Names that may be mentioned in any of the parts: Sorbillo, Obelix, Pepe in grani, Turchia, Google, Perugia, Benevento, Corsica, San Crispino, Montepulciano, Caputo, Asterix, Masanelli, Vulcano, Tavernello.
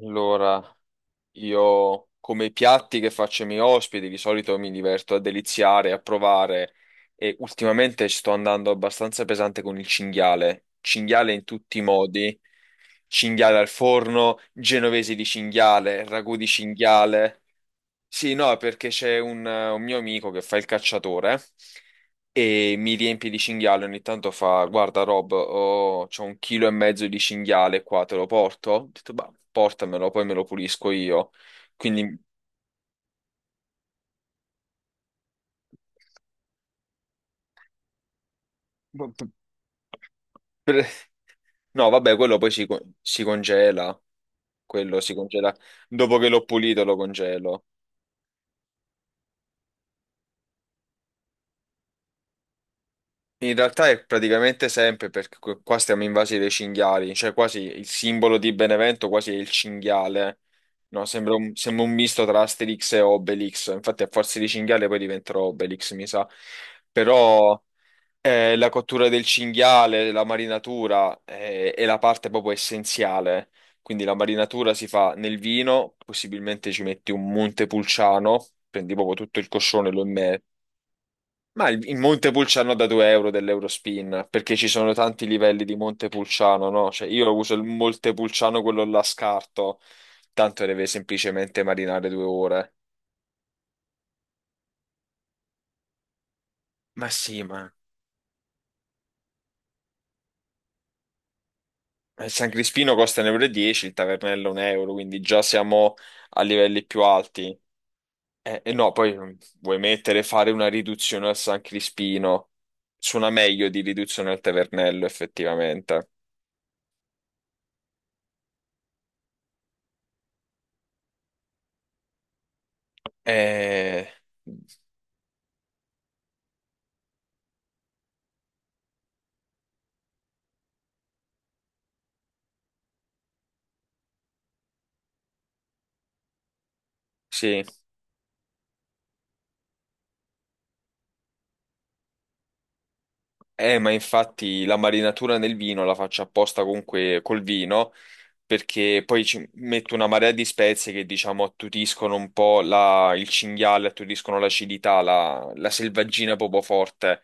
Allora, io come i piatti che faccio ai miei ospiti di solito mi diverto a deliziare, a provare e ultimamente sto andando abbastanza pesante con il cinghiale. Cinghiale in tutti i modi, cinghiale al forno, genovesi di cinghiale, ragù di cinghiale. Sì, no, perché c'è un mio amico che fa il cacciatore e mi riempie di cinghiale. Ogni tanto fa: Guarda, Rob, c'ho 1,5 kg di cinghiale qua, te lo porto? Ho detto, bah, portamelo, poi me lo pulisco io. Quindi, per- no, vabbè, quello poi si, si congela. Quello si congela dopo che l'ho pulito, lo congelo. In realtà è praticamente sempre perché qua stiamo invasi dei cinghiali, cioè quasi il simbolo di Benevento quasi è il cinghiale, no? Sembra un misto tra Asterix e Obelix, infatti a forza di cinghiale poi diventerò Obelix, mi sa. Però la cottura del cinghiale, la marinatura è la parte proprio essenziale, quindi la marinatura si fa nel vino, possibilmente ci metti un Montepulciano, prendi proprio tutto il coscione, lo immergi ma in Montepulciano da 2 euro dell'Eurospin, perché ci sono tanti livelli di Montepulciano, no? Cioè io uso il Montepulciano, quello là scarto, tanto deve semplicemente marinare 2 ore. Ma sì, ma il San Crispino costa 1,10 euro, e dieci, il Tavernello 1 euro, quindi già siamo a livelli più alti. E, no, poi vuoi mettere, fare una riduzione al San Crispino, suona meglio di riduzione al Tavernello, effettivamente. Eh, sì. Ma infatti la marinatura nel vino la faccio apposta comunque col vino, perché poi ci metto una marea di spezie che diciamo attutiscono un po' il cinghiale, attutiscono l'acidità, la selvaggina proprio forte.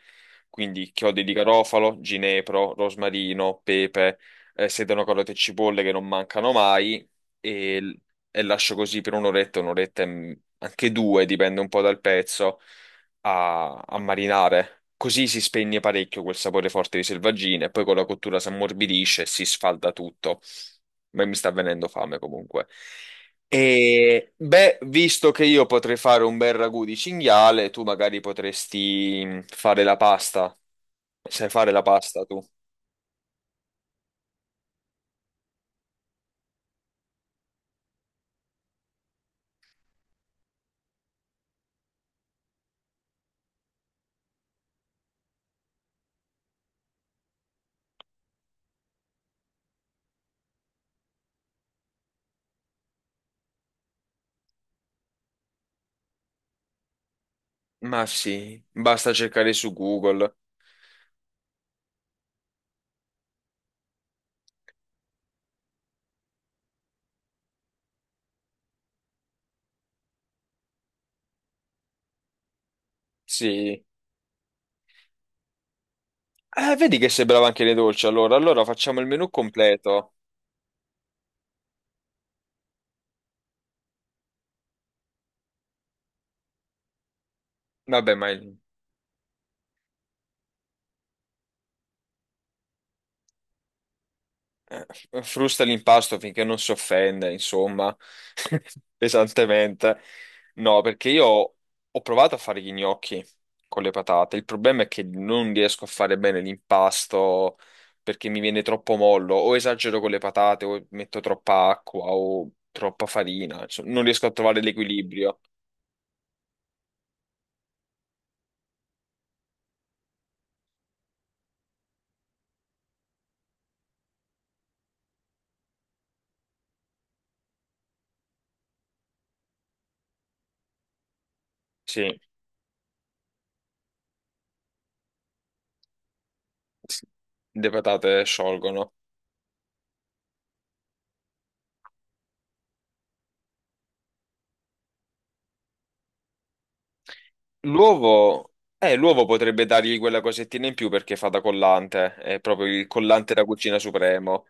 Quindi chiodi di garofalo, ginepro, rosmarino, pepe, sedano, carote e cipolle che non mancano mai e, e lascio così per un'oretta, un'oretta anche due, dipende un po' dal pezzo a marinare. Così si spegne parecchio quel sapore forte di selvaggina e poi con la cottura si ammorbidisce e si sfalda tutto. Ma mi sta venendo fame comunque. E beh, visto che io potrei fare un bel ragù di cinghiale, tu magari potresti fare la pasta. Sai fare la pasta tu? Ma sì, basta cercare su Google. Sì. Vedi che sei brava anche nei dolci, allora. Allora facciamo il menù completo. Vabbè, ma... eh, frusta l'impasto finché non si offende, insomma, pesantemente. No, perché io ho provato a fare gli gnocchi con le patate. Il problema è che non riesco a fare bene l'impasto perché mi viene troppo mollo, o esagero con le patate, o metto troppa acqua, o troppa farina. Insomma, non riesco a trovare l'equilibrio. Sì, sì. Le patate sciolgono. L'uovo, l'uovo potrebbe dargli quella cosettina in più perché fa da collante, è proprio il collante da cucina supremo.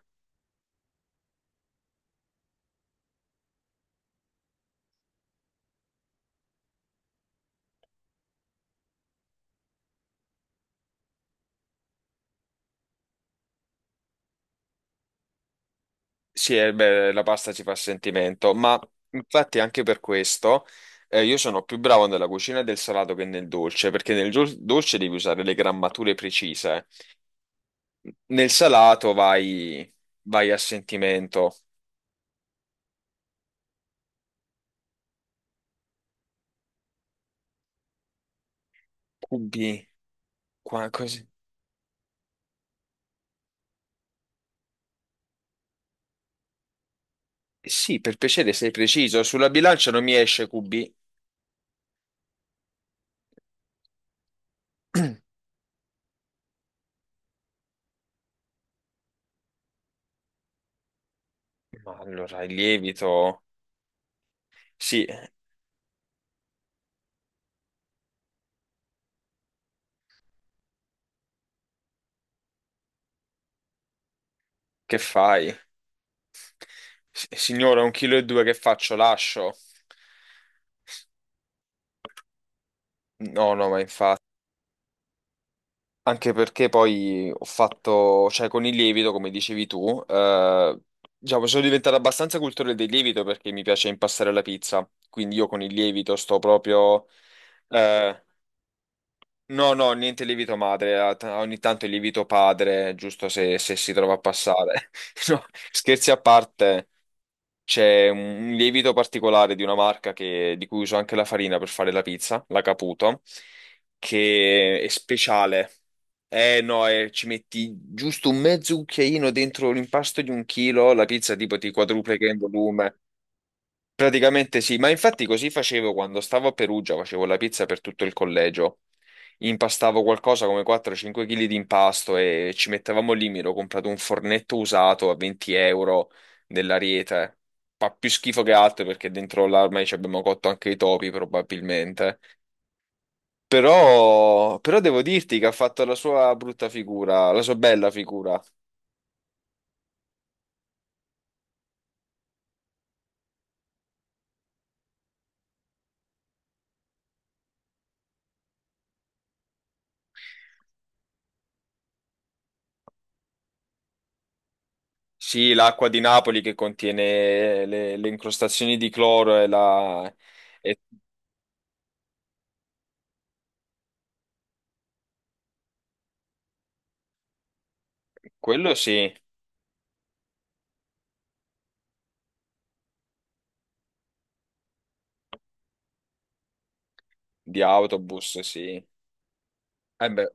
Sì, beh, la pasta ci fa sentimento, ma infatti anche per questo io sono più bravo nella cucina del salato che nel dolce, perché nel dolce devi usare le grammature precise. Nel salato vai, vai a sentimento, cubi, qua, così. Sì, per piacere sei preciso, sulla bilancia non mi esce cubi. Ma allora il lievito, sì. Che fai? Signora, 1,2 kg che faccio? Lascio? No, no, ma infatti. Anche perché poi ho fatto, cioè con il lievito, come dicevi tu, diciamo, sono diventato abbastanza cultore del lievito perché mi piace impastare la pizza. Quindi io con il lievito sto proprio... eh, no, no, niente lievito madre, ogni tanto il lievito padre, giusto se, se si trova a passare. No, scherzi a parte. C'è un lievito particolare di una marca di cui uso anche la farina per fare la pizza, la Caputo, che è speciale. Eh no, ci metti giusto un mezzo cucchiaino dentro l'impasto di 1 kg, la pizza tipo ti quadruplica in volume. Praticamente sì, ma infatti così facevo quando stavo a Perugia, facevo la pizza per tutto il collegio. Impastavo qualcosa come 4-5 kg di impasto e ci mettevamo lì, mi ero comprato un fornetto usato a 20 euro dell'Ariete. Fa più schifo che altro perché dentro l'armai ci abbiamo cotto anche i topi probabilmente. Però, però devo dirti che ha fatto la sua brutta figura, la sua bella figura. Sì, l'acqua di Napoli che contiene le incrostazioni di cloro e la... e quello sì, di autobus sì. Eh beh,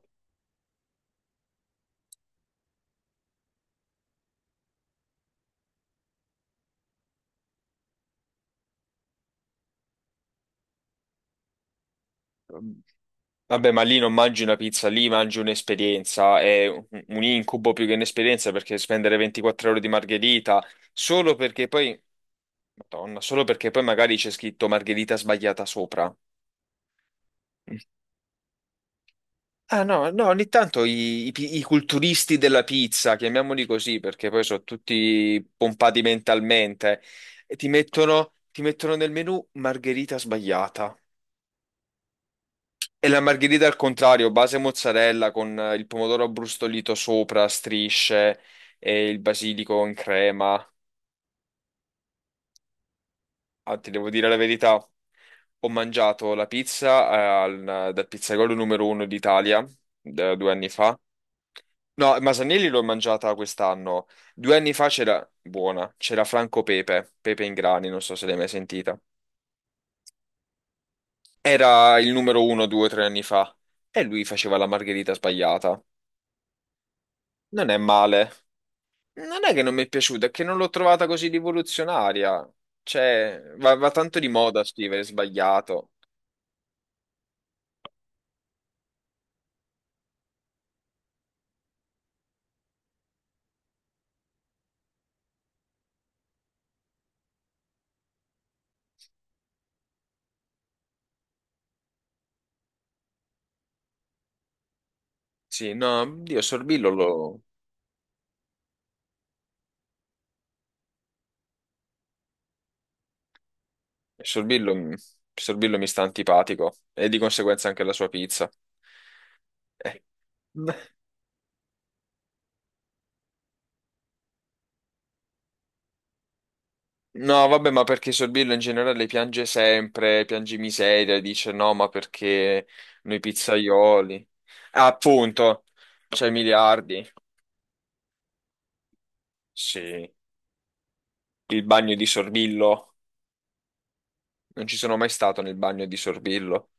vabbè, ma lì non mangi una pizza, lì mangi un'esperienza, è un incubo più che un'esperienza perché spendere 24 ore di margherita solo perché poi, Madonna, solo perché poi magari c'è scritto margherita sbagliata sopra. Ah no, no, ogni tanto i i culturisti della pizza, chiamiamoli così perché poi sono tutti pompati mentalmente, e ti mettono nel menù margherita sbagliata. E la margherita al contrario, base mozzarella con il pomodoro abbrustolito sopra, a strisce e il basilico in crema. Ah, ti devo dire la verità, ho mangiato la pizza dal pizzaiolo numero uno d'Italia da 2 anni fa. No, Masanelli l'ho mangiata quest'anno. 2 anni fa c'era, buona, c'era Franco Pepe, Pepe in grani, non so se l'hai mai sentita. Era il numero uno 2 o 3 anni fa e lui faceva la margherita sbagliata. Non è male. Non è che non mi è piaciuta, è che non l'ho trovata così rivoluzionaria. Cioè, va, va tanto di moda scrivere sbagliato. Sì, no, Dio, Sorbillo, Sorbillo mi sta antipatico e di conseguenza anche la sua pizza. Eh. No, vabbè, ma perché Sorbillo in generale piange sempre, piange miseria, dice no, ma perché noi pizzaioli? Ah, appunto, c'è miliardi. Sì, il bagno di Sorbillo. Non ci sono mai stato nel bagno di Sorbillo.